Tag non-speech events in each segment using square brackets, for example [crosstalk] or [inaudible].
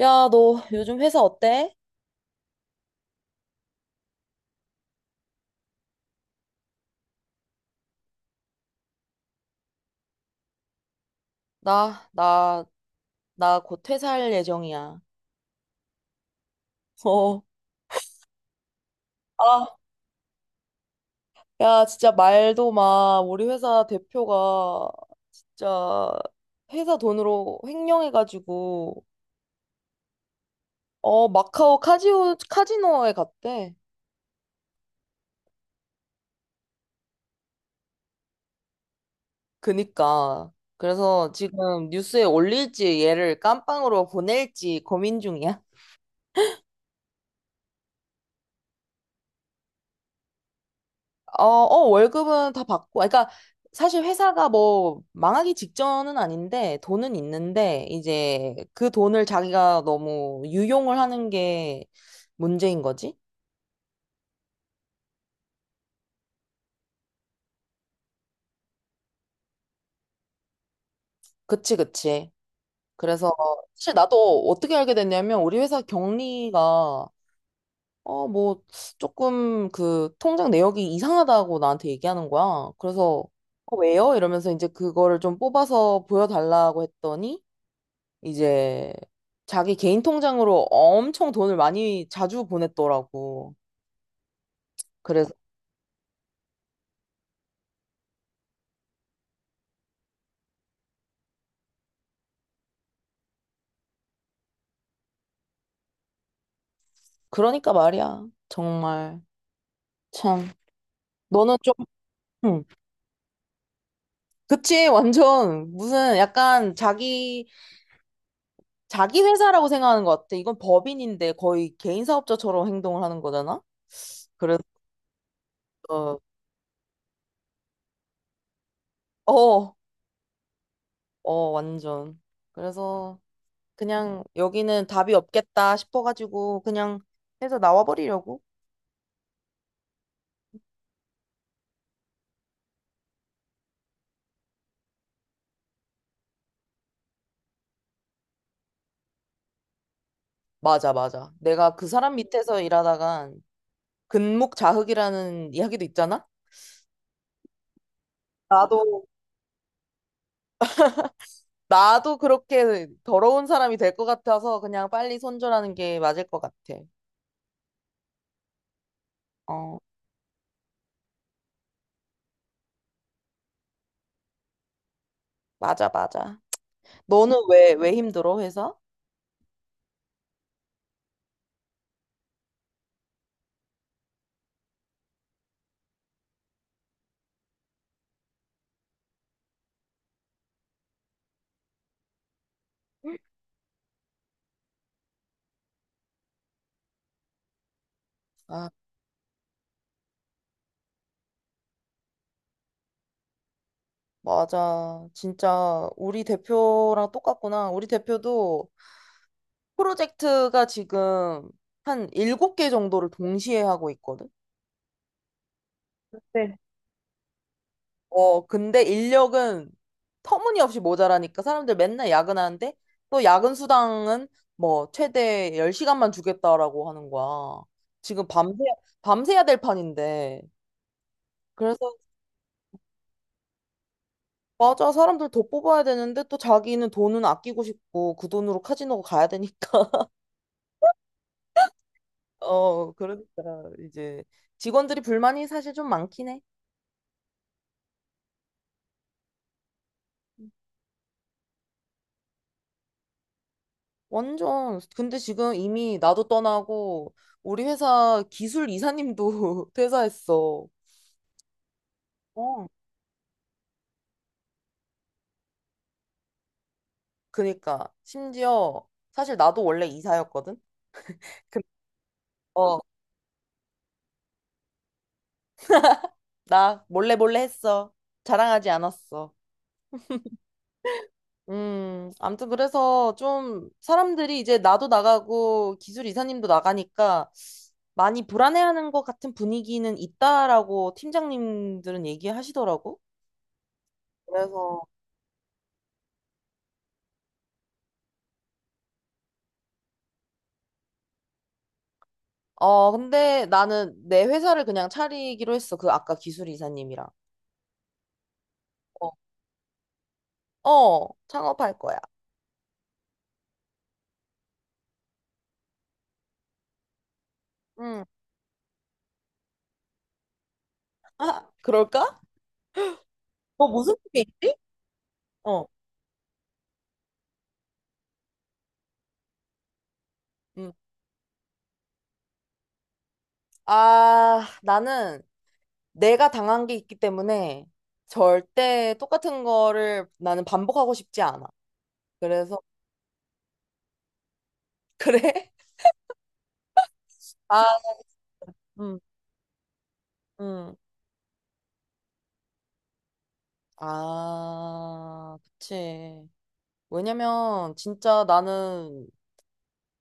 야, 너 요즘 회사 어때? 나, 나, 나 곧 퇴사할 예정이야. 어. 아, 야, 진짜 말도 마. 우리 회사 대표가 진짜 회사 돈으로 횡령해가지고, 어, 마카오 카지노에 갔대. 그니까. 그래서 지금 뉴스에 올릴지 얘를 깜빵으로 보낼지 고민 중이야. 어, 어, 월급은 다 받고, 아, 그러니까 사실 회사가 뭐 망하기 직전은 아닌데 돈은 있는데 이제 그 돈을 자기가 너무 유용을 하는 게 문제인 거지? 그치, 그치. 그래서 사실 나도 어떻게 알게 됐냐면 우리 회사 경리가 어, 뭐 조금 그 통장 내역이 이상하다고 나한테 얘기하는 거야. 그래서 어, 왜요? 이러면서 이제 그거를 좀 뽑아서 보여달라고 했더니 이제 자기 개인 통장으로 엄청 돈을 많이 자주 보냈더라고. 그래서 그러니까 말이야. 정말 참 너는 좀 응. 그치 완전 무슨 약간 자기 회사라고 생각하는 것 같아. 이건 법인인데 거의 개인 사업자처럼 행동을 하는 거잖아. 그래서 어, 어, 완전. 그래서 그냥 여기는 답이 없겠다 싶어가지고 그냥 해서 나와버리려고. 맞아, 맞아. 내가 그 사람 밑에서 일하다가 근묵자흑이라는 이야기도 있잖아? 나도, 나도 그렇게 더러운 사람이 될 것 같아서 그냥 빨리 손절하는 게 맞을 것 같아. 어, 맞아, 맞아. 너는 왜 힘들어, 회사? 아, 맞아. 진짜 우리 대표랑 똑같구나. 우리 대표도 프로젝트가 지금 한 일곱 개 정도를 동시에 하고 있거든? 어, 근데 인력은 터무니없이 모자라니까 사람들 맨날 야근하는데 또 야근 수당은 뭐 최대 10시간만 주겠다라고 하는 거야. 지금 밤새야 될 판인데. 그래서 맞아. 사람들 더 뽑아야 되는데 또 자기는 돈은 아끼고 싶고 그 돈으로 카지노 가야 되니까. [laughs] 어, 그러니까 이제 직원들이 불만이 사실 좀 많긴 해. 완전. 근데 지금 이미 나도 떠나고 우리 회사 기술 이사님도 [laughs] 퇴사했어. 어. 그니까 심지어 사실 나도 원래 이사였거든. 근- 어, 나 몰래 몰래 했어. 자랑하지 않았어. 아무튼 그래서 좀 사람들이 이제 나도 나가고 기술 이사님도 나가니까 많이 불안해하는 것 같은 분위기는 있다라고 팀장님들은 얘기하시더라고. 그래서 어, 근데 나는 내 회사를 그냥 차리기로 했어. 그 아까 기술 이사님이랑. 어, 어, 창업할 거야. 음. 아, [laughs] 그럴까? 뭐 무슨 일이 있지? 어. 음. 아, 나는 내가 당한 게 있기 때문에 절대 똑같은 거를 나는 반복하고 싶지 않아. 그래서, [laughs] 그래? 아, 음, 음. 아, 그치. 왜냐면 진짜 나는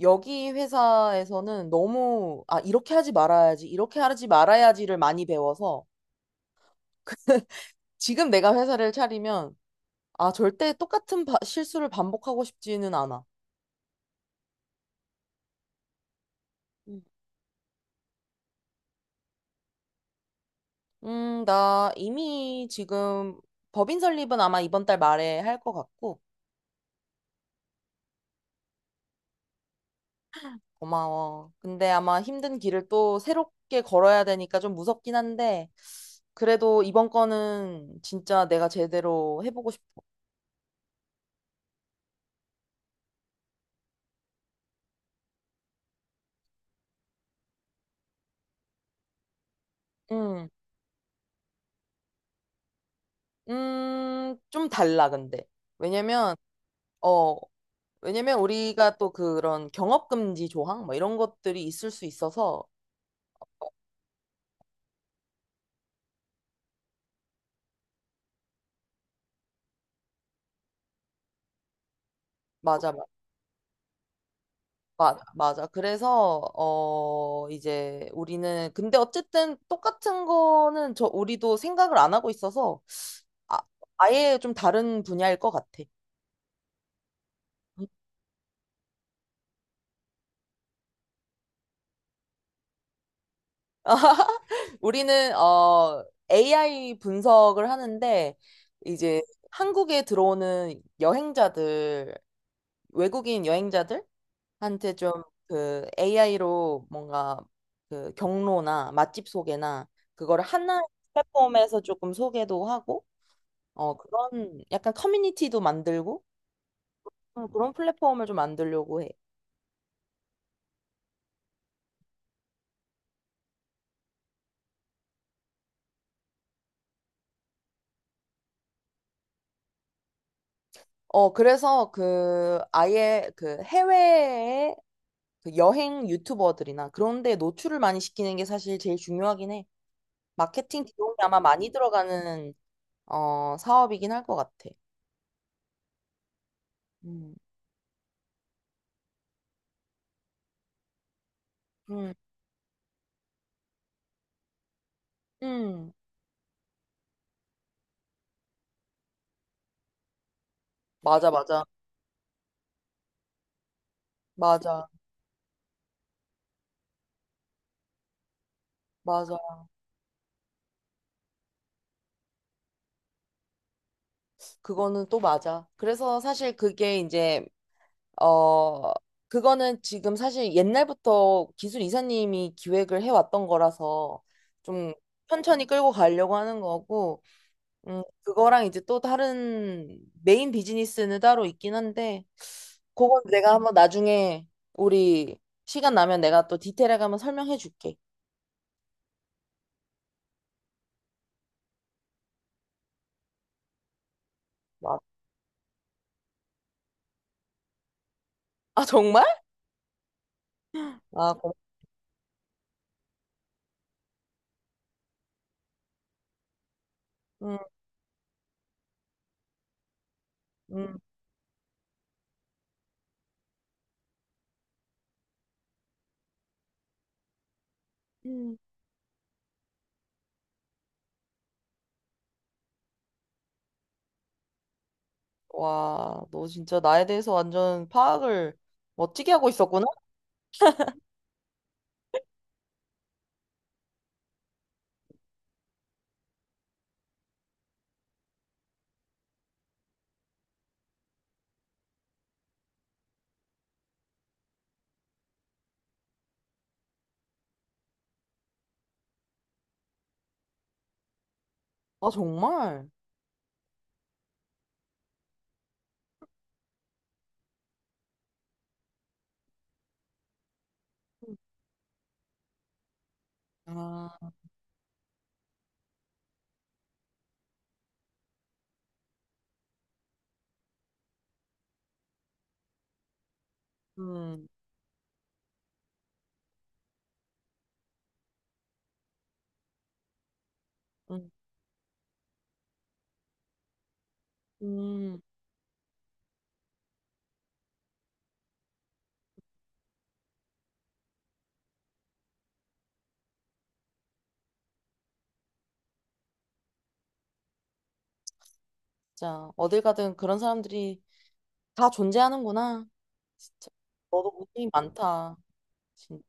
여기 회사에서는 너무, 아, 이렇게 하지 말아야지, 이렇게 하지 말아야지를 많이 배워서 지금 내가 회사를 차리면, 아, 절대 똑같은 실수를 반복하고 싶지는 않아. 나 이미 지금 법인 설립은 아마 이번 달 말에 할 것 같고, 고마워. 근데 아마 힘든 길을 또 새롭게 걸어야 되니까 좀 무섭긴 한데, 그래도 이번 거는 진짜 내가 제대로 해보고 싶어. 음, 좀 달라, 근데. 왜냐면, 어, 왜냐면 우리가 또 그런 경업금지 조항, 뭐 이런 것들이 있을 수 있어서, 맞아, 맞아. 맞아. 그래서 어 이제 우리는 근데 어쨌든 똑같은 거는 저 우리도 생각을 안 하고 있어서 아, 아예 좀 다른 분야일 것 같아. [laughs] 우리는 어 AI 분석을 하는데 이제 한국에 들어오는 여행자들 외국인 여행자들한테 좀 그 AI로 뭔가 그 경로나 맛집 소개나 그거를 하나의 플랫폼에서 조금 소개도 하고 어, 그런 약간 커뮤니티도 만들고 어, 그런 플랫폼을 좀 만들려고 해. 어, 그래서 그 아예 그 해외의 그 여행 유튜버들이나 그런 데 노출을 많이 시키는 게 사실 제일 중요하긴 해. 마케팅 비용이 아마 많이 들어가는 어, 사업이긴 할 것 같아. 음. 음. 음. 맞아, 맞아. 맞아. 맞아. 그거는 또 맞아. 그래서 사실 그게 이제 어, 그거는 지금 사실 옛날부터 기술 이사님이 기획을 해왔던 거라서 좀 천천히 끌고 가려고 하는 거고, 그거랑 이제 또 다른 메인 비즈니스는 따로 있긴 한데, 그건 내가 한번 나중에 우리 시간 나면 내가 또 디테일하게 한번 설명해 줄게. 와. 아, 정말? 아, 고 음, 음, 음. 와, 너 진짜 나에 대해서 완전 파악을 멋지게 하고 있었구나? 아, 정말? 아. 음, 음, 음, 진짜 어딜 가든 그런 사람들이 다 존재하는구나. 진짜 너도 고생이 많다. 진,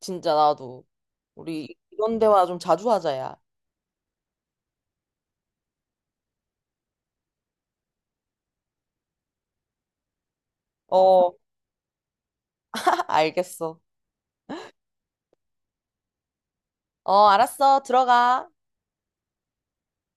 진짜 나도 우리 이런 대화 좀 자주 하자야. 어, [laughs] 알겠어. 어, 알았어. 들어가.